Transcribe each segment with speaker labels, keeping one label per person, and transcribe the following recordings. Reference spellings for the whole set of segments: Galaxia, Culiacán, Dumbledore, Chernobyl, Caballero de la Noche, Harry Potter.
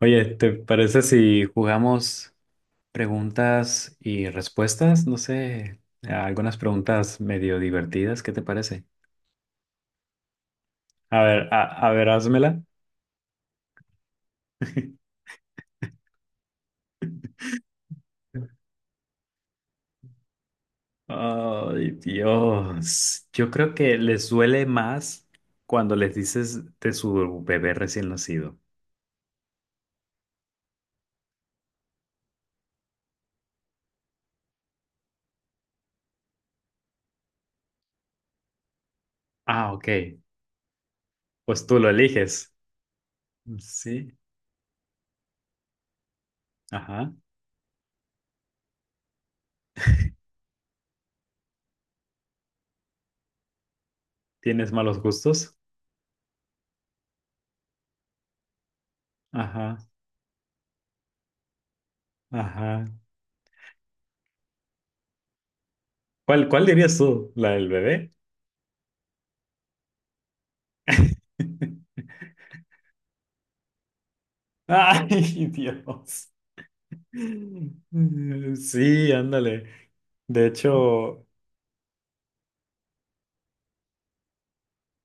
Speaker 1: Oye, ¿te parece si jugamos preguntas y respuestas? No sé, algunas preguntas medio divertidas, ¿qué te parece? A ver, a ver, házmela. Ay, Dios. Yo creo que les duele más cuando les dices de su bebé recién nacido. Ah, ok. Pues tú lo eliges. Sí. Ajá. ¿Tienes malos gustos? Ajá. Ajá. ¿Cuál dirías tú? ¿La del bebé? Ay, Dios. Mm, sí, ándale. De hecho,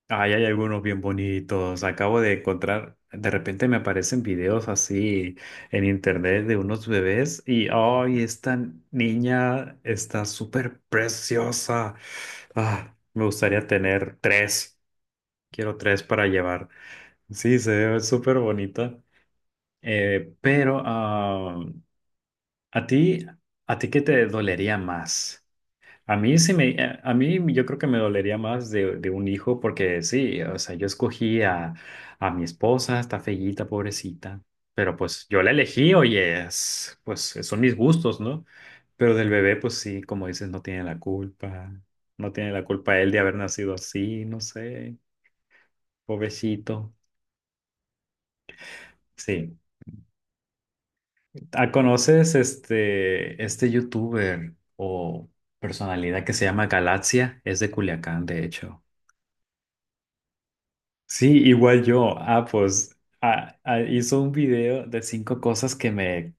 Speaker 1: ay, hay algunos bien bonitos. Acabo de encontrar, de repente me aparecen videos así en internet de unos bebés y, ay, esta niña está súper preciosa. Ah, me gustaría tener tres. Quiero tres para llevar. Sí, se ve súper bonita. Pero, ¿a ti, a ti qué te dolería más? A mí sí me, a mí yo creo que me dolería más de, un hijo porque sí, o sea, yo escogí a mi esposa, está feíta, pobrecita, pero pues yo la elegí, oye, pues son mis gustos, ¿no? Pero del bebé, pues sí, como dices, no tiene la culpa, no tiene la culpa él de haber nacido así, no sé, pobrecito. Sí. Ah, conoces este youtuber o personalidad que se llama Galaxia? Es de Culiacán, de hecho. Sí, igual yo. Pues hizo un video de cinco cosas que me,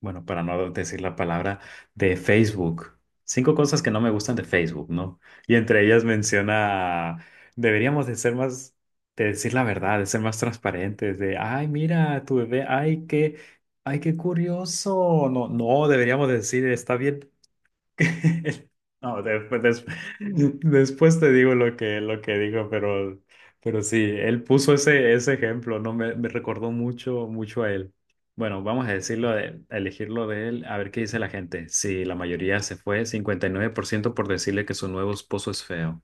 Speaker 1: bueno, para no decir la palabra, de Facebook. Cinco cosas que no me gustan de Facebook, ¿no? Y entre ellas menciona, deberíamos de ser más, de decir la verdad, de ser más transparentes, de, ay, mira, tu bebé, ay, qué curioso. No, no, deberíamos decir, está bien. No, después, después te digo lo que dijo, pero sí, él puso ese ejemplo, ¿no? Me recordó mucho, mucho a él. Bueno, vamos a decirlo a elegirlo de él, a ver qué dice la gente. Sí, la mayoría se fue, 59% por decirle que su nuevo esposo es feo.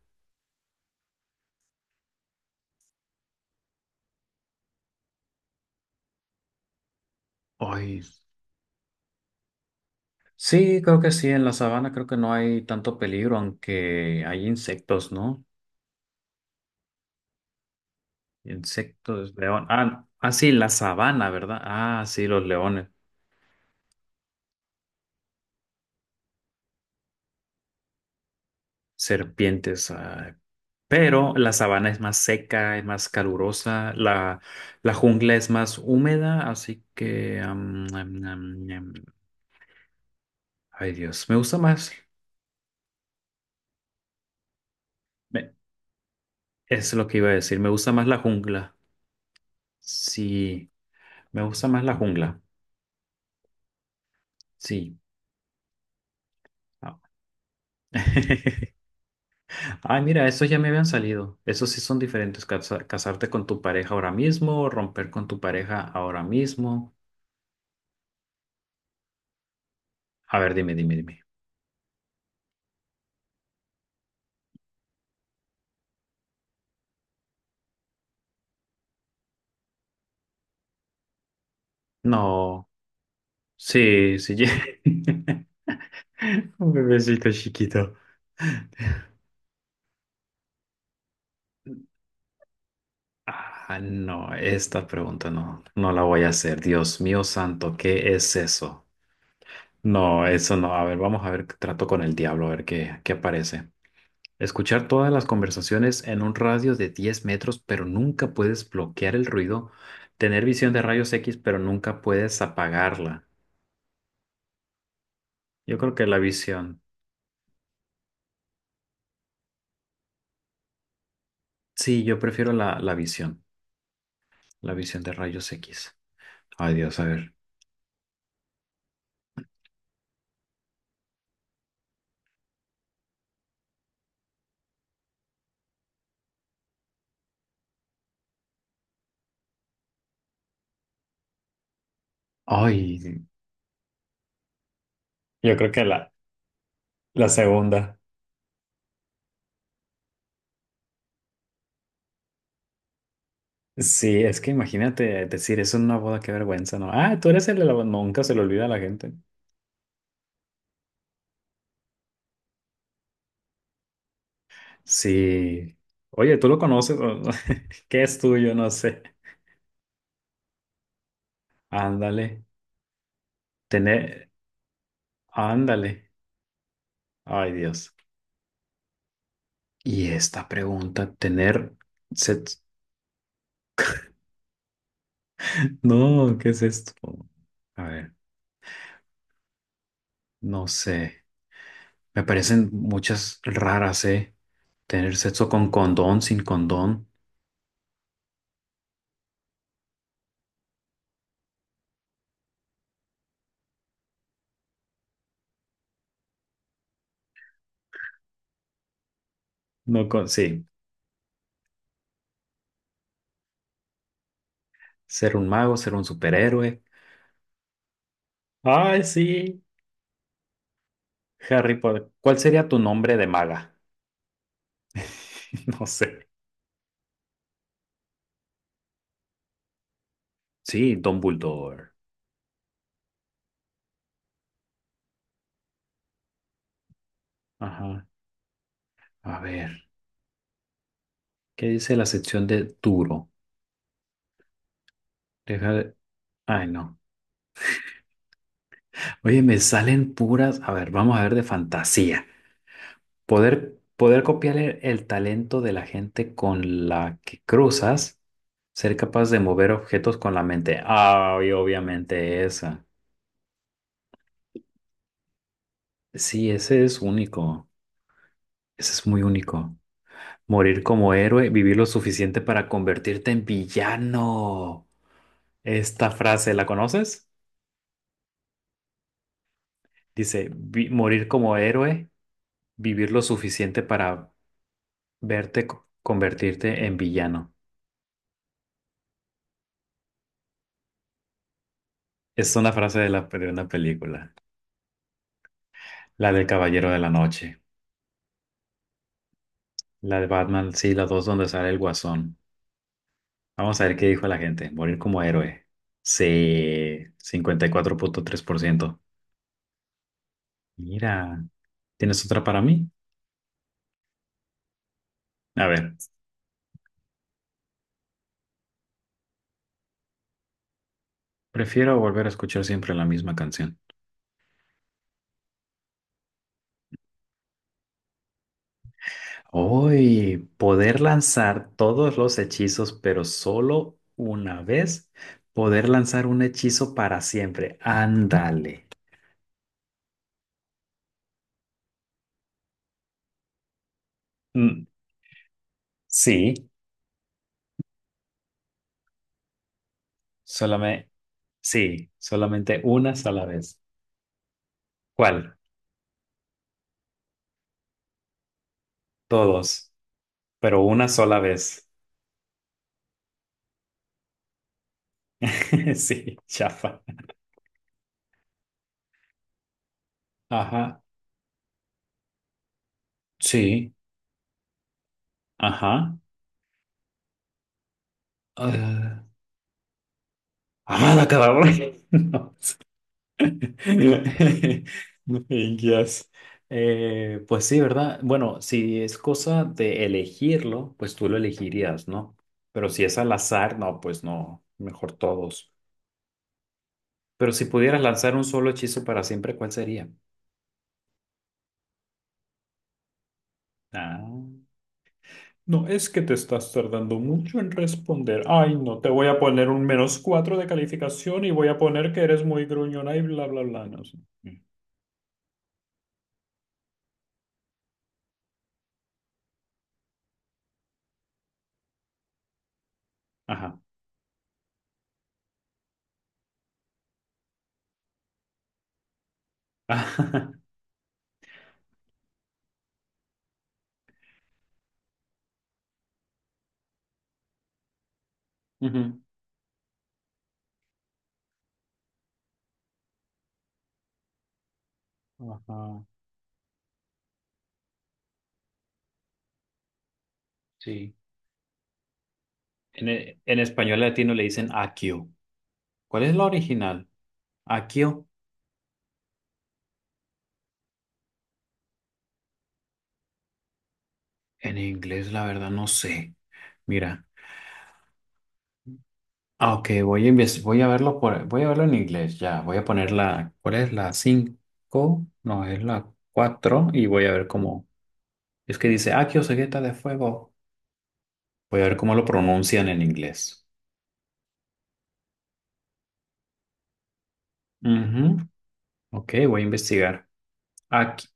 Speaker 1: Ay, sí, creo que sí, en la sabana creo que no hay tanto peligro, aunque hay insectos, ¿no? Insectos, león. Sí, la sabana, ¿verdad? Ah, sí, los leones. Serpientes. Pero la sabana es más seca, es más calurosa, la jungla es más húmeda, así que... am, am, am, am. Ay, Dios, me gusta más. me- es lo que iba a decir, me gusta más la jungla. Sí, me gusta más la jungla. Sí. Ah. Ay, mira, estos ya me habían salido. Esos sí son diferentes. Casarte con tu pareja ahora mismo, romper con tu pareja ahora mismo. A ver, dime, dime, dime. No. Sí, sí. Un bebecito chiquito. Ah, no, esta pregunta no, no la voy a hacer. Dios mío santo, ¿qué es eso? No, eso no. A ver, vamos a ver, trato con el diablo, a ver qué aparece. Escuchar todas las conversaciones en un radio de 10 metros, pero nunca puedes bloquear el ruido. Tener visión de rayos X, pero nunca puedes apagarla. Yo creo que la visión. Sí, yo prefiero la visión. La visión de rayos X. Ay, Dios, a ver. Ay, yo creo que la segunda. Sí, es que imagínate decir eso en una boda, qué vergüenza, ¿no? Ah, tú eres el de la boda. Nunca se le olvida a la gente. Sí. Oye, ¿tú lo conoces? ¿Qué es tuyo? No sé. Ándale. Tener. Ándale. Ay, Dios. Y esta pregunta, tener. Sex- No, ¿qué es esto? A ver, no sé. Me parecen muchas raras, ¿eh? Tener sexo con condón, sin condón. No con. Sí. Ser un mago, ser un superhéroe. Ay, sí, Harry Potter. ¿Cuál sería tu nombre de maga? No sé. Sí, Dumbledore. Ajá. A ver, ¿qué dice la sección de duro? Deja de. Ay, no. Oye, me salen puras. A ver, vamos a ver de fantasía. Poder copiar el talento de la gente con la que cruzas. Ser capaz de mover objetos con la mente. Ay, obviamente esa. Sí, ese es único. Ese es muy único. Morir como héroe, vivir lo suficiente para convertirte en villano. Esta frase, ¿la conoces? Dice, Morir como héroe, vivir lo suficiente para verte convertirte en villano." Es una frase de una película. La del Caballero de la Noche. La de Batman, sí, las dos donde sale el Guasón. Vamos a ver qué dijo la gente. Morir como héroe. Sí, 54.3%. Mira, ¿tienes otra para mí? A ver. Prefiero volver a escuchar siempre la misma canción. Hoy, poder lanzar todos los hechizos, pero solo una vez. Poder lanzar un hechizo para siempre. Ándale. Mm, sí, solamente, sí, solamente una sola vez. ¿Cuál? Todos, pero una sola vez. Sí, chafa. Ajá, sí, ajá. Ah, amada cabrón. Yes. Pues sí, ¿verdad? Bueno, si es cosa de elegirlo, pues tú lo elegirías, ¿no? Pero si es al azar, no, pues no, mejor todos. Pero si pudieras lanzar un solo hechizo para siempre, ¿cuál sería? Ah. No, es que te estás tardando mucho en responder. Ay, no, te voy a poner un menos cuatro de calificación y voy a poner que eres muy gruñona y bla, bla, bla. No sé. Ajá. Ujú. Ajá. Sí. En español latino le dicen accio. ¿Cuál es la original? Accio. En inglés, la verdad, no sé. Mira. Ah, ok, voy a verlo en inglés. Ya, voy a poner ¿cuál es la 5? No, es la 4. Y voy a ver cómo. Es que dice accio cegueta de fuego. Voy a ver cómo lo pronuncian en inglés. Ujú. Ok, voy a investigar. Aquí,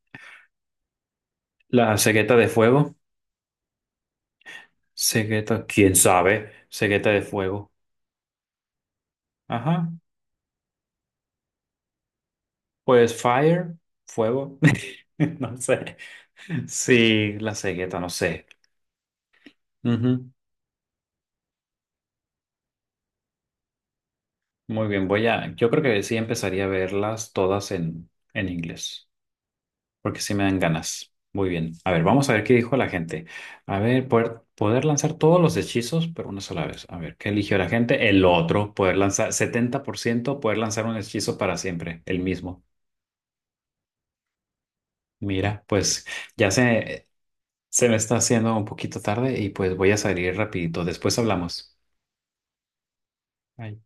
Speaker 1: la cegueta de fuego. Cegueta, quién sabe. Cegueta de fuego. Ajá. Pues fire, fuego, no sé. Sí, la cegueta, no sé. Ujú. Muy bien, yo creo que sí empezaría a verlas todas en, inglés, porque sí me dan ganas. Muy bien. A ver, vamos a ver qué dijo la gente. A ver, poder lanzar todos los hechizos, pero una sola vez. A ver, ¿qué eligió la gente? El otro, poder lanzar 70% poder lanzar un hechizo para siempre, el mismo. Mira, pues ya se. Se me está haciendo un poquito tarde y pues voy a salir rapidito. Después hablamos. Ahí.